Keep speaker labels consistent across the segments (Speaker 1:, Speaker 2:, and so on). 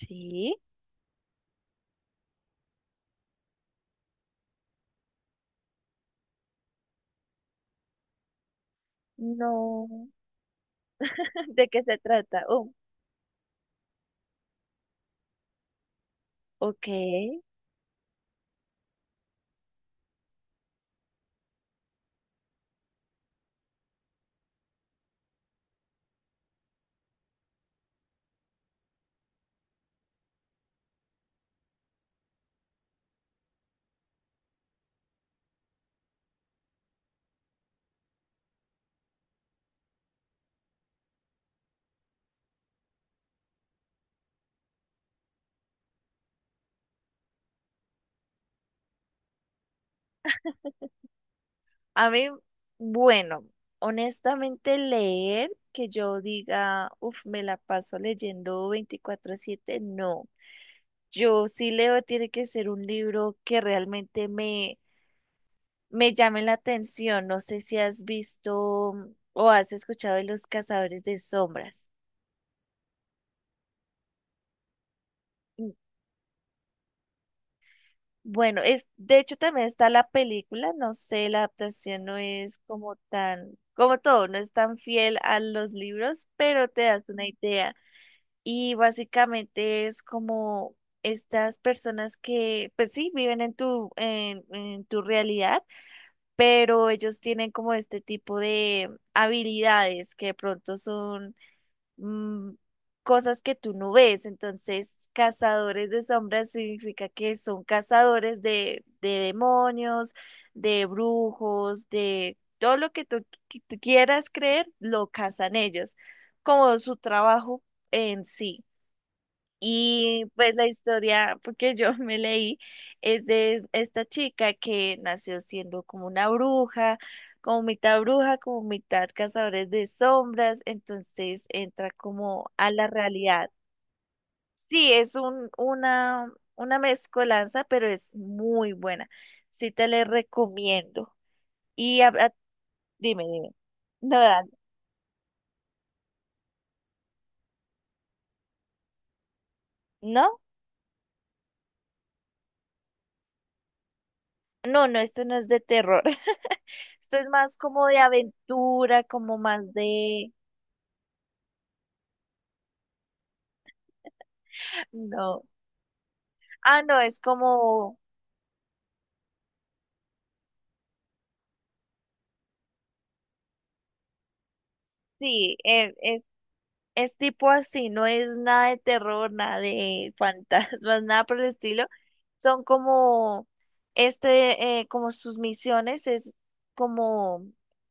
Speaker 1: Sí. No. ¿De qué se trata? Oh, ok. A mí, bueno, honestamente leer que yo diga, uff, me la paso leyendo 24/7, no. Yo sí leo, tiene que ser un libro que realmente me llame la atención. No sé si has visto o has escuchado de Los Cazadores de Sombras. Bueno, es, de hecho también está la película, no sé, la adaptación no es como tan, como todo, no es tan fiel a los libros, pero te das una idea. Y básicamente es como estas personas que, pues sí, viven en tu, en tu realidad, pero ellos tienen como este tipo de habilidades que de pronto son mm, cosas que tú no ves. Entonces, cazadores de sombras significa que son cazadores de demonios, de brujos, de todo lo que tú quieras creer, lo cazan ellos, como su trabajo en sí. Y pues la historia porque yo me leí es de esta chica que nació siendo como una bruja, como mitad cazadores de sombras, entonces entra como a la realidad. Sí, es una mezcolanza, pero es muy buena. Sí te la recomiendo. Y dime, dime. No, Dan, ¿no? No, no, esto no es de terror. Esto es más como de aventura, como más de... No. Ah, no, es como, sí, es tipo así, no es nada de terror, nada de fantasmas, nada por el estilo. Son como, este, como sus misiones es como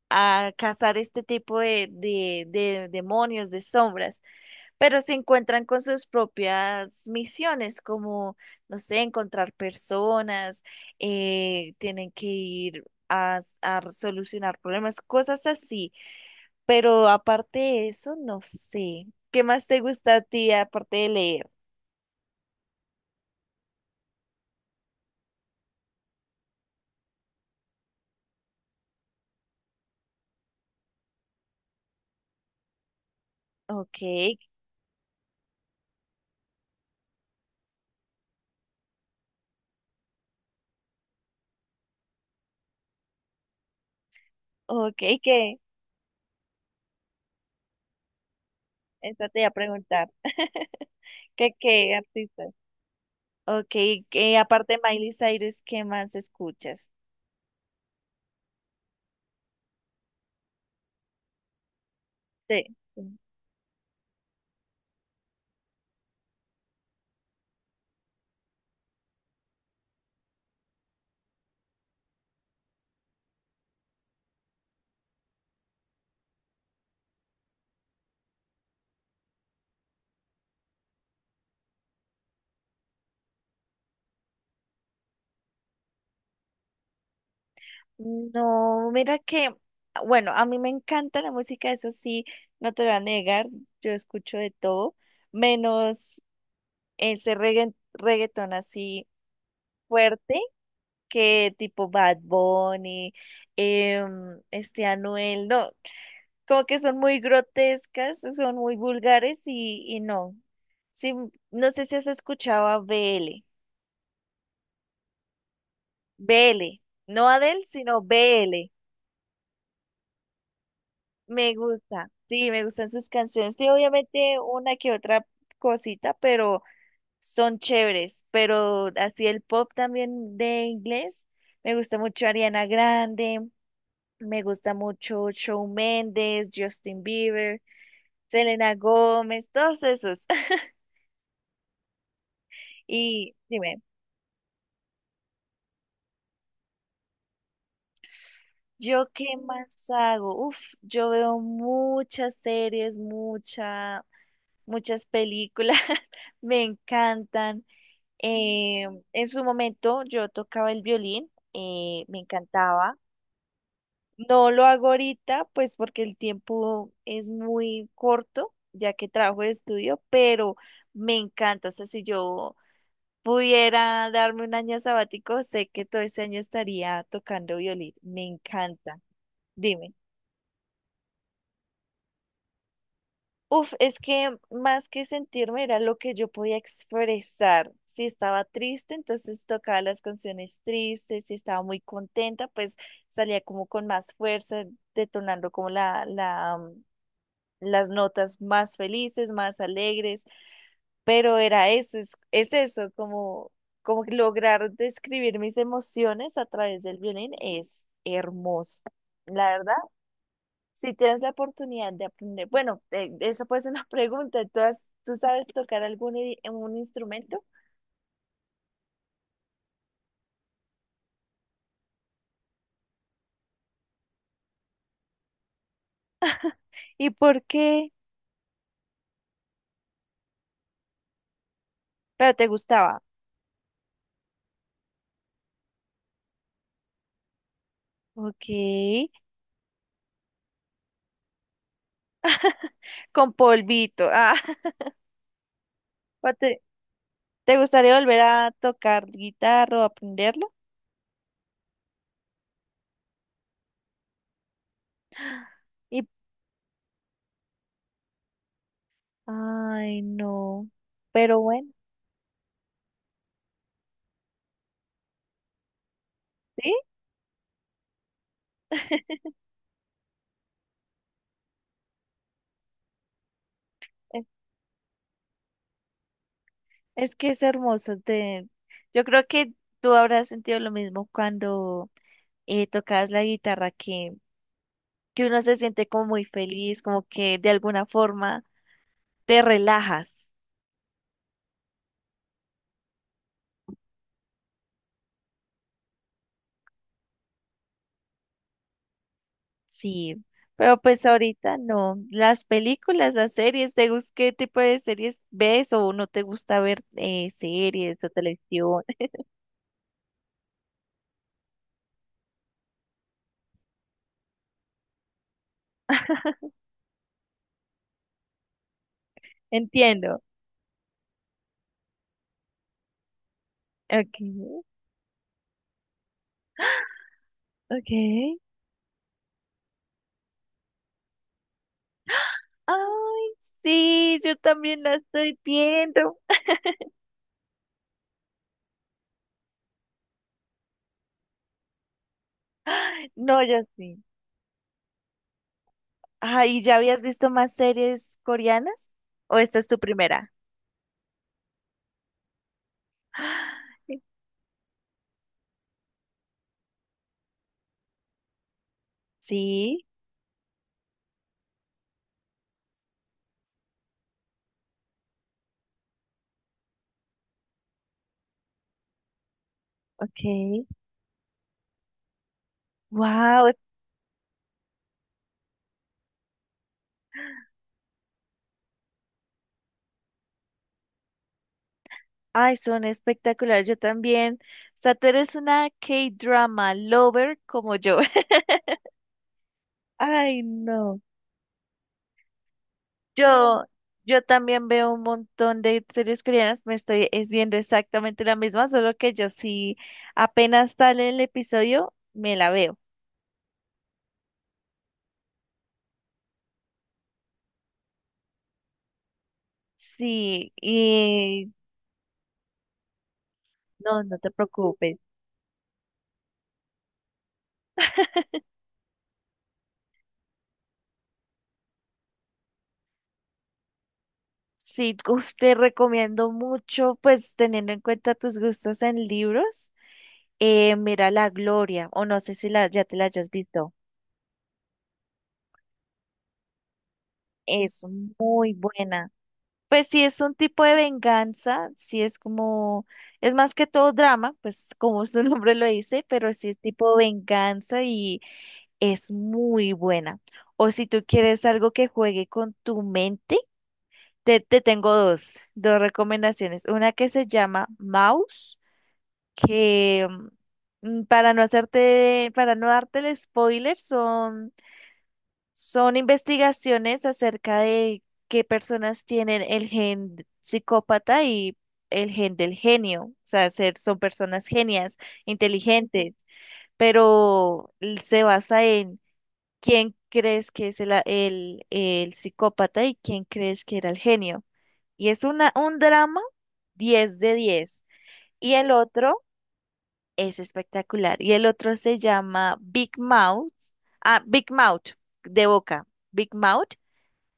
Speaker 1: a cazar este tipo de demonios, de sombras, pero se encuentran con sus propias misiones, como, no sé, encontrar personas, tienen que ir a solucionar problemas, cosas así. Pero aparte de eso, no sé. ¿Qué más te gusta a ti aparte de leer? Ok, ok, ¿qué? Esta te iba a preguntar. ¿Qué artista? Ok, que aparte de Miley Cyrus, ¿qué más escuchas? Sí. Sí. No, mira que, bueno, a mí me encanta la música, eso sí, no te lo voy a negar, yo escucho de todo, menos ese reggaetón así fuerte, que tipo Bad Bunny, em, este Anuel, no, como que son muy grotescas, son muy vulgares y no. Sí, no sé si has escuchado a B L, no Adele, sino BL. Me gusta, sí, me gustan sus canciones, sí, obviamente una que otra cosita, pero son chéveres, pero así el pop también de inglés, me gusta mucho Ariana Grande, me gusta mucho Shawn Mendes, Justin Bieber, Selena Gómez, todos esos. Y dime, ¿yo qué más hago? Uf, yo veo muchas series, muchas películas, me encantan. Eh, en su momento yo tocaba el violín, me encantaba. No lo hago ahorita, pues porque el tiempo es muy corto, ya que trabajo de estudio, pero me encanta. O sea, si yo pudiera darme un año sabático, sé que todo ese año estaría tocando violín. Me encanta. Dime. Uf, es que más que sentirme era lo que yo podía expresar. Si estaba triste, entonces tocaba las canciones tristes. Si estaba muy contenta, pues salía como con más fuerza, detonando como las notas más felices, más alegres. Pero era eso, es eso, como que lograr describir mis emociones a través del violín es hermoso. La verdad, si tienes la oportunidad de aprender, bueno, eso puede ser una pregunta, ¿tú sabes tocar un instrumento? ¿Y por qué? Pero te gustaba, ok, con polvito, ah. ¿O ¿te gustaría volver a tocar guitarra o aprenderlo? Y, ay, no, pero bueno, ¿sí? Es que es hermoso. Te. Yo creo que tú habrás sentido lo mismo cuando tocas la guitarra, que uno se siente como muy feliz, como que de alguna forma te relajas. Sí, pero pues ahorita no. Las películas, las series, ¿te gusta qué tipo de series ves o no te gusta ver series o televisión? Entiendo. Ok, ok. Ay, sí, yo también la estoy viendo. No, yo sí. Ah, ¿y ya habías visto más series coreanas? ¿O esta es tu primera? Ah, sí, ok. Wow, ay, son espectaculares. Yo también. O sea, tú eres una K-drama lover como yo. Ay, no. Yo, yo también veo un montón de series coreanas. Me estoy es viendo exactamente la misma, solo que yo sí apenas sale el episodio, me la veo. Sí, y no, no te preocupes. Sí, uf, te recomiendo mucho, pues teniendo en cuenta tus gustos en libros, mira La Gloria, o no sé si la, ya te la hayas visto, es muy buena. Pues sí, es un tipo de venganza, sí es como, es más que todo drama, pues como su nombre lo dice, pero sí es tipo venganza y es muy buena. O si tú quieres algo que juegue con tu mente, te tengo dos recomendaciones. Una que se llama Mouse que para no hacerte, para no darte el spoiler, son investigaciones acerca de qué personas tienen el gen psicópata y el gen del genio. O sea, son personas genias, inteligentes, pero se basa en quién crees que es el psicópata y quién crees que era el genio. Y es un drama 10 de 10. Y el otro es espectacular. Y el otro se llama Big Mouth. Ah, Big Mouth, de boca. Big Mouth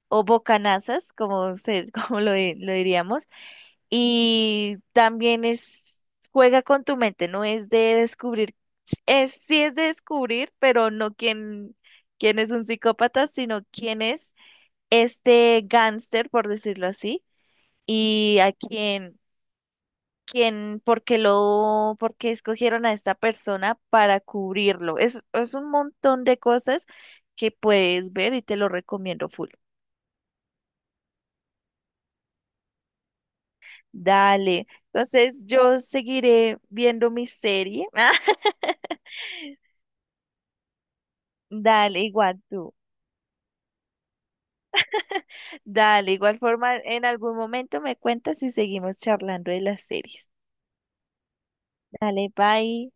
Speaker 1: o bocanazas, como, se, como lo diríamos. Y también es, juega con tu mente, no es de descubrir. Es, sí es de descubrir, pero no quién es un psicópata, sino quién es este gángster, por decirlo así, y a quién, por qué escogieron a esta persona para cubrirlo. Es un montón de cosas que puedes ver y te lo recomiendo full. Dale. Entonces yo seguiré viendo mi serie. Dale, igual tú. Dale, igual forma, en algún momento me cuentas y seguimos charlando de las series. Dale, bye.